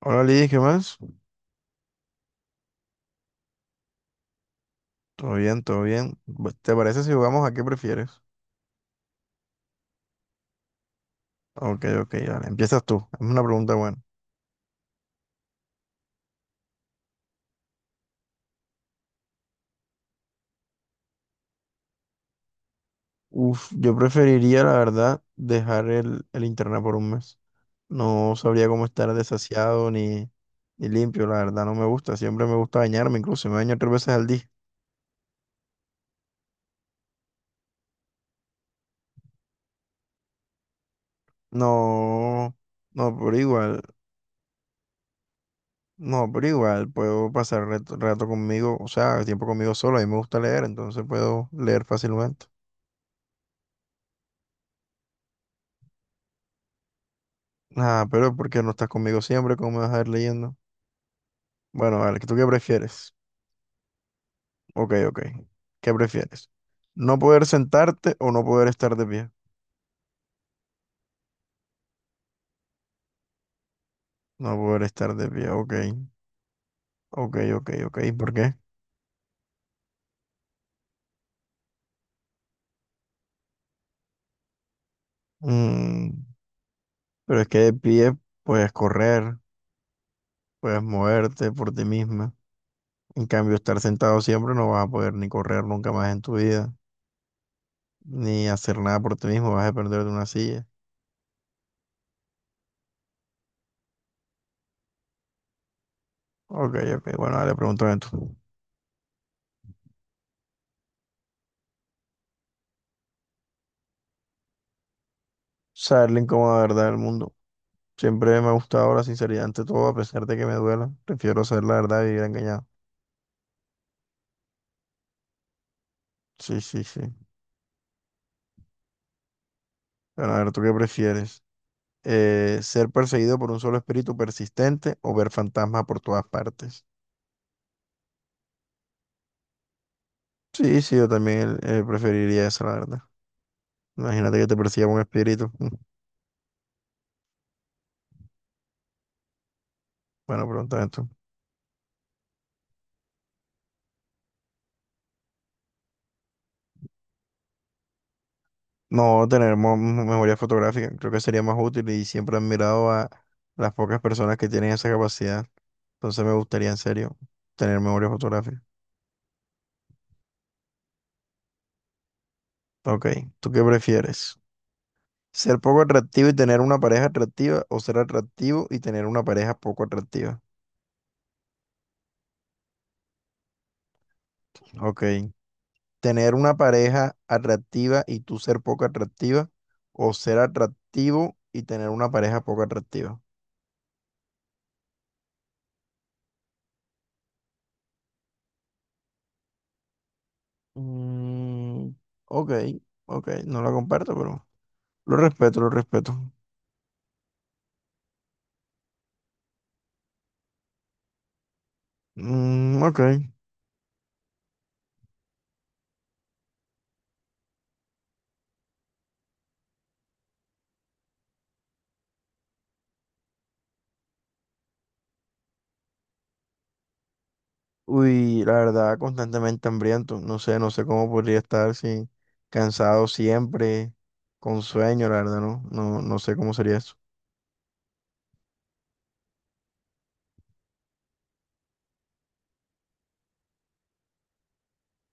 Hola Liz, ¿qué más? Todo bien, todo bien. ¿Te parece si jugamos a qué prefieres? Ok, ok, vale. Empiezas tú. Es una pregunta buena. Uf, yo preferiría, la verdad, dejar el internet por un mes. No sabría cómo estar desasiado ni limpio, la verdad, no me gusta. Siempre me gusta bañarme, incluso me baño tres veces al día. No, no, pero igual, no, pero igual, puedo pasar rato, rato conmigo, o sea, tiempo conmigo solo. A mí me gusta leer, entonces puedo leer fácilmente. Ah, pero ¿por qué no estás conmigo siempre? ¿Cómo me vas a ir leyendo? Bueno, vale, ¿tú qué prefieres? Ok, ok. ¿Qué prefieres? ¿No poder sentarte o no poder estar de pie? No poder estar de pie, ok. Ok, ok, ok. ¿Por qué? Mm, pero es que de pie puedes correr, puedes moverte por ti misma. En cambio, estar sentado siempre no vas a poder ni correr nunca más en tu vida, ni hacer nada por ti mismo, vas a depender de una silla. Ok, ok. Bueno, dale, pregúntame tú. Saber la incómoda verdad del mundo. Siempre me ha gustado la sinceridad ante todo, a pesar de que me duela. Prefiero saber la verdad y vivir engañado. Sí, sí, sí. Bueno, a ver, ¿tú qué prefieres? ¿Ser perseguido por un solo espíritu persistente o ver fantasmas por todas partes? Sí, sí, yo también preferiría eso, la verdad. Imagínate que te persiga un espíritu. Mm. Bueno, pregunta esto. No, tener memoria fotográfica creo que sería más útil y siempre he admirado a las pocas personas que tienen esa capacidad. Entonces me gustaría en serio tener memoria fotográfica. Ok, ¿tú qué prefieres? Ser poco atractivo y tener una pareja atractiva o ser atractivo y tener una pareja poco atractiva. Ok. Tener una pareja atractiva y tú ser poco atractiva o ser atractivo y tener una pareja poco atractiva. Mm, ok, ok. No la comparto, pero lo respeto, lo respeto. Mm, ok. Uy, la verdad, constantemente hambriento. No sé, no sé cómo podría estar si cansado siempre, con sueño, la verdad, no, no, no sé cómo sería eso.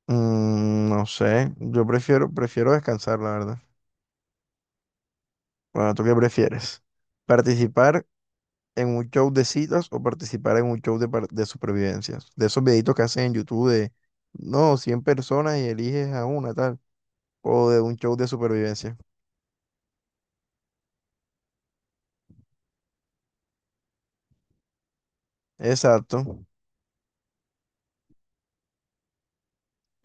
No sé, yo prefiero descansar, la verdad. Bueno, ¿tú qué prefieres? ¿Participar en un show de citas o participar en un show de, de supervivencias? De esos videitos que hacen en YouTube de, no, 100 personas y eliges a una, tal. O de un show de supervivencia. Exacto.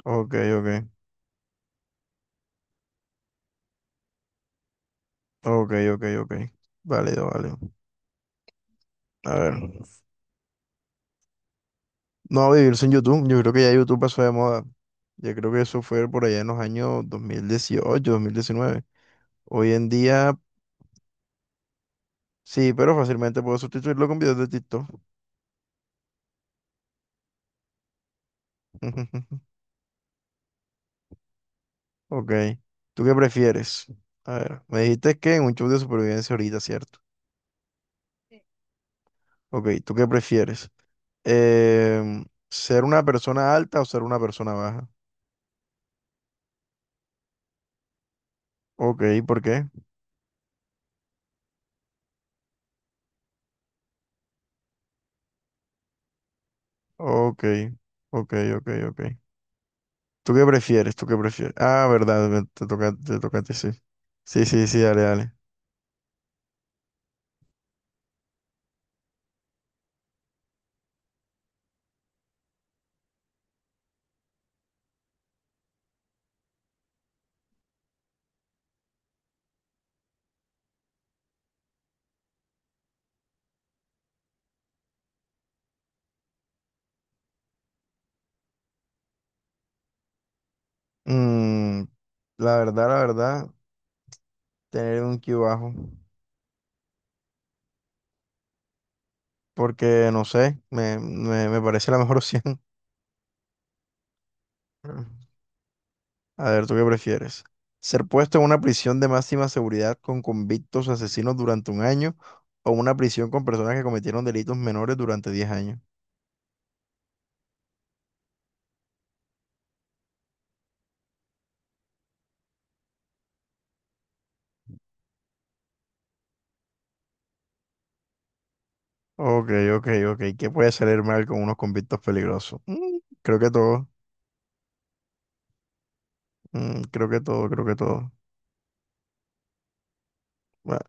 Ok, ok. Ok, ok, ok. Válido, válido. A ver. No, vivir sin YouTube. Yo creo que ya YouTube pasó de moda. Yo creo que eso fue por allá en los años 2018 2019. Hoy en día. Sí, pero fácilmente puedo sustituirlo con videos de TikTok. Ok. ¿Tú qué prefieres? A ver, me dijiste que en un show de supervivencia ahorita, ¿cierto? Ok, ¿tú qué prefieres? ¿Ser una persona alta o ser una persona baja? Ok, ¿por qué? Ok, ok, ok, ok. ¿Tú qué prefieres? Ah, verdad, te toca a ti, sí. Sí, sí, sí, dale, dale. Mm, la verdad, la verdad, tener un Q bajo. Porque no sé, me parece la mejor opción. Mm. A ver, ¿tú qué prefieres? ¿Ser puesto en una prisión de máxima seguridad con convictos asesinos durante un año o una prisión con personas que cometieron delitos menores durante 10 años? Ok, ok, ok. ¿Qué puede salir mal con unos convictos peligrosos? Creo que todo. Creo que todo, creo que todo. Bueno,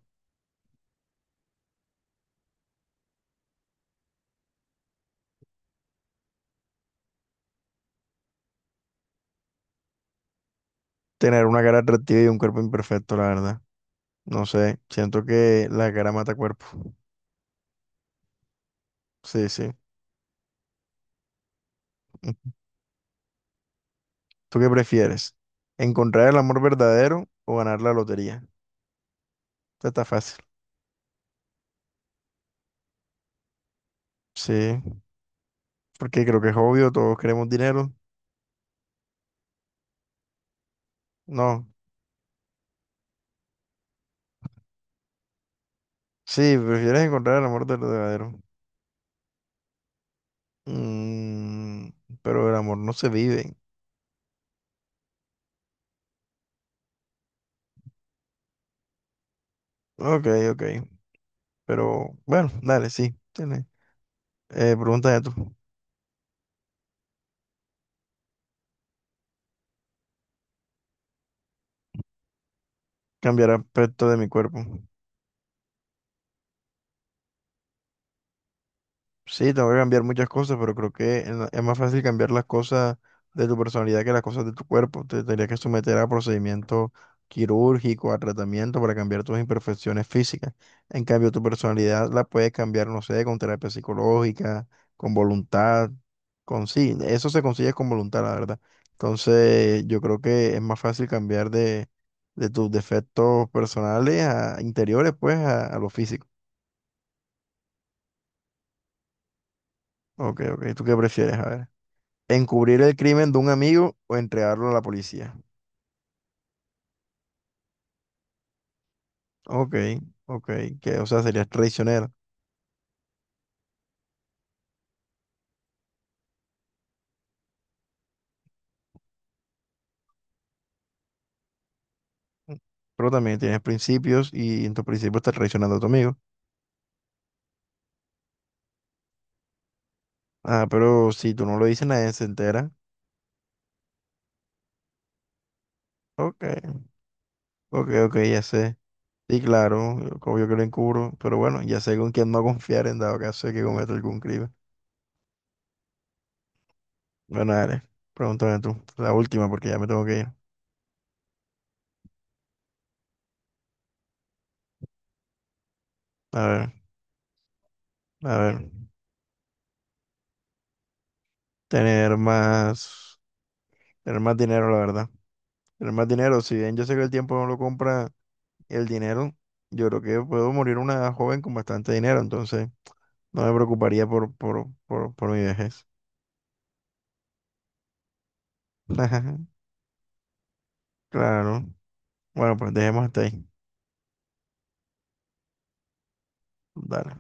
tener una cara atractiva y un cuerpo imperfecto, la verdad. No sé, siento que la cara mata cuerpo. Sí, sí. ¿Tú qué prefieres? ¿Encontrar el amor verdadero o ganar la lotería? Esto está fácil. Sí, porque creo que es obvio, todos queremos dinero. No. Sí, prefieres encontrar el amor verdadero. Mm, pero el amor no se vive. Ok, ok. Pero bueno, dale, sí. Tiene. Pregúntame tú. Cambiará aspecto de mi cuerpo. Sí, tengo que cambiar muchas cosas, pero creo que es más fácil cambiar las cosas de tu personalidad que las cosas de tu cuerpo. Te tendrías que someter a procedimiento quirúrgico, a tratamiento para cambiar tus imperfecciones físicas. En cambio, tu personalidad la puedes cambiar, no sé, con terapia psicológica, con voluntad, con sí, eso se consigue con voluntad, la verdad. Entonces, yo creo que es más fácil cambiar de tus defectos personales a interiores, pues, a lo físico. Ok, ok, ¿tú qué prefieres? A ver. Encubrir el crimen de un amigo o entregarlo a la policía. Ok, ok, que o sea, serías traicionero. Pero también tienes principios y en tus principios estás traicionando a tu amigo. Ah, pero si tú no lo dices, nadie se entera. Ok, ok, ok, ya sé. Sí, claro, obvio que lo encubro, pero bueno, ya sé con quién no confiar en dado caso de que cometa algún crimen. Bueno, dale, pregúntame tú, la última porque ya me tengo que ir. A ver, a ver, tener más, tener más dinero, la verdad. Tener más dinero, si bien yo sé que el tiempo no lo compra el dinero, yo creo que puedo morir una joven con bastante dinero, entonces no me preocuparía por mi vejez. Claro. Bueno, pues dejemos hasta ahí. Dale.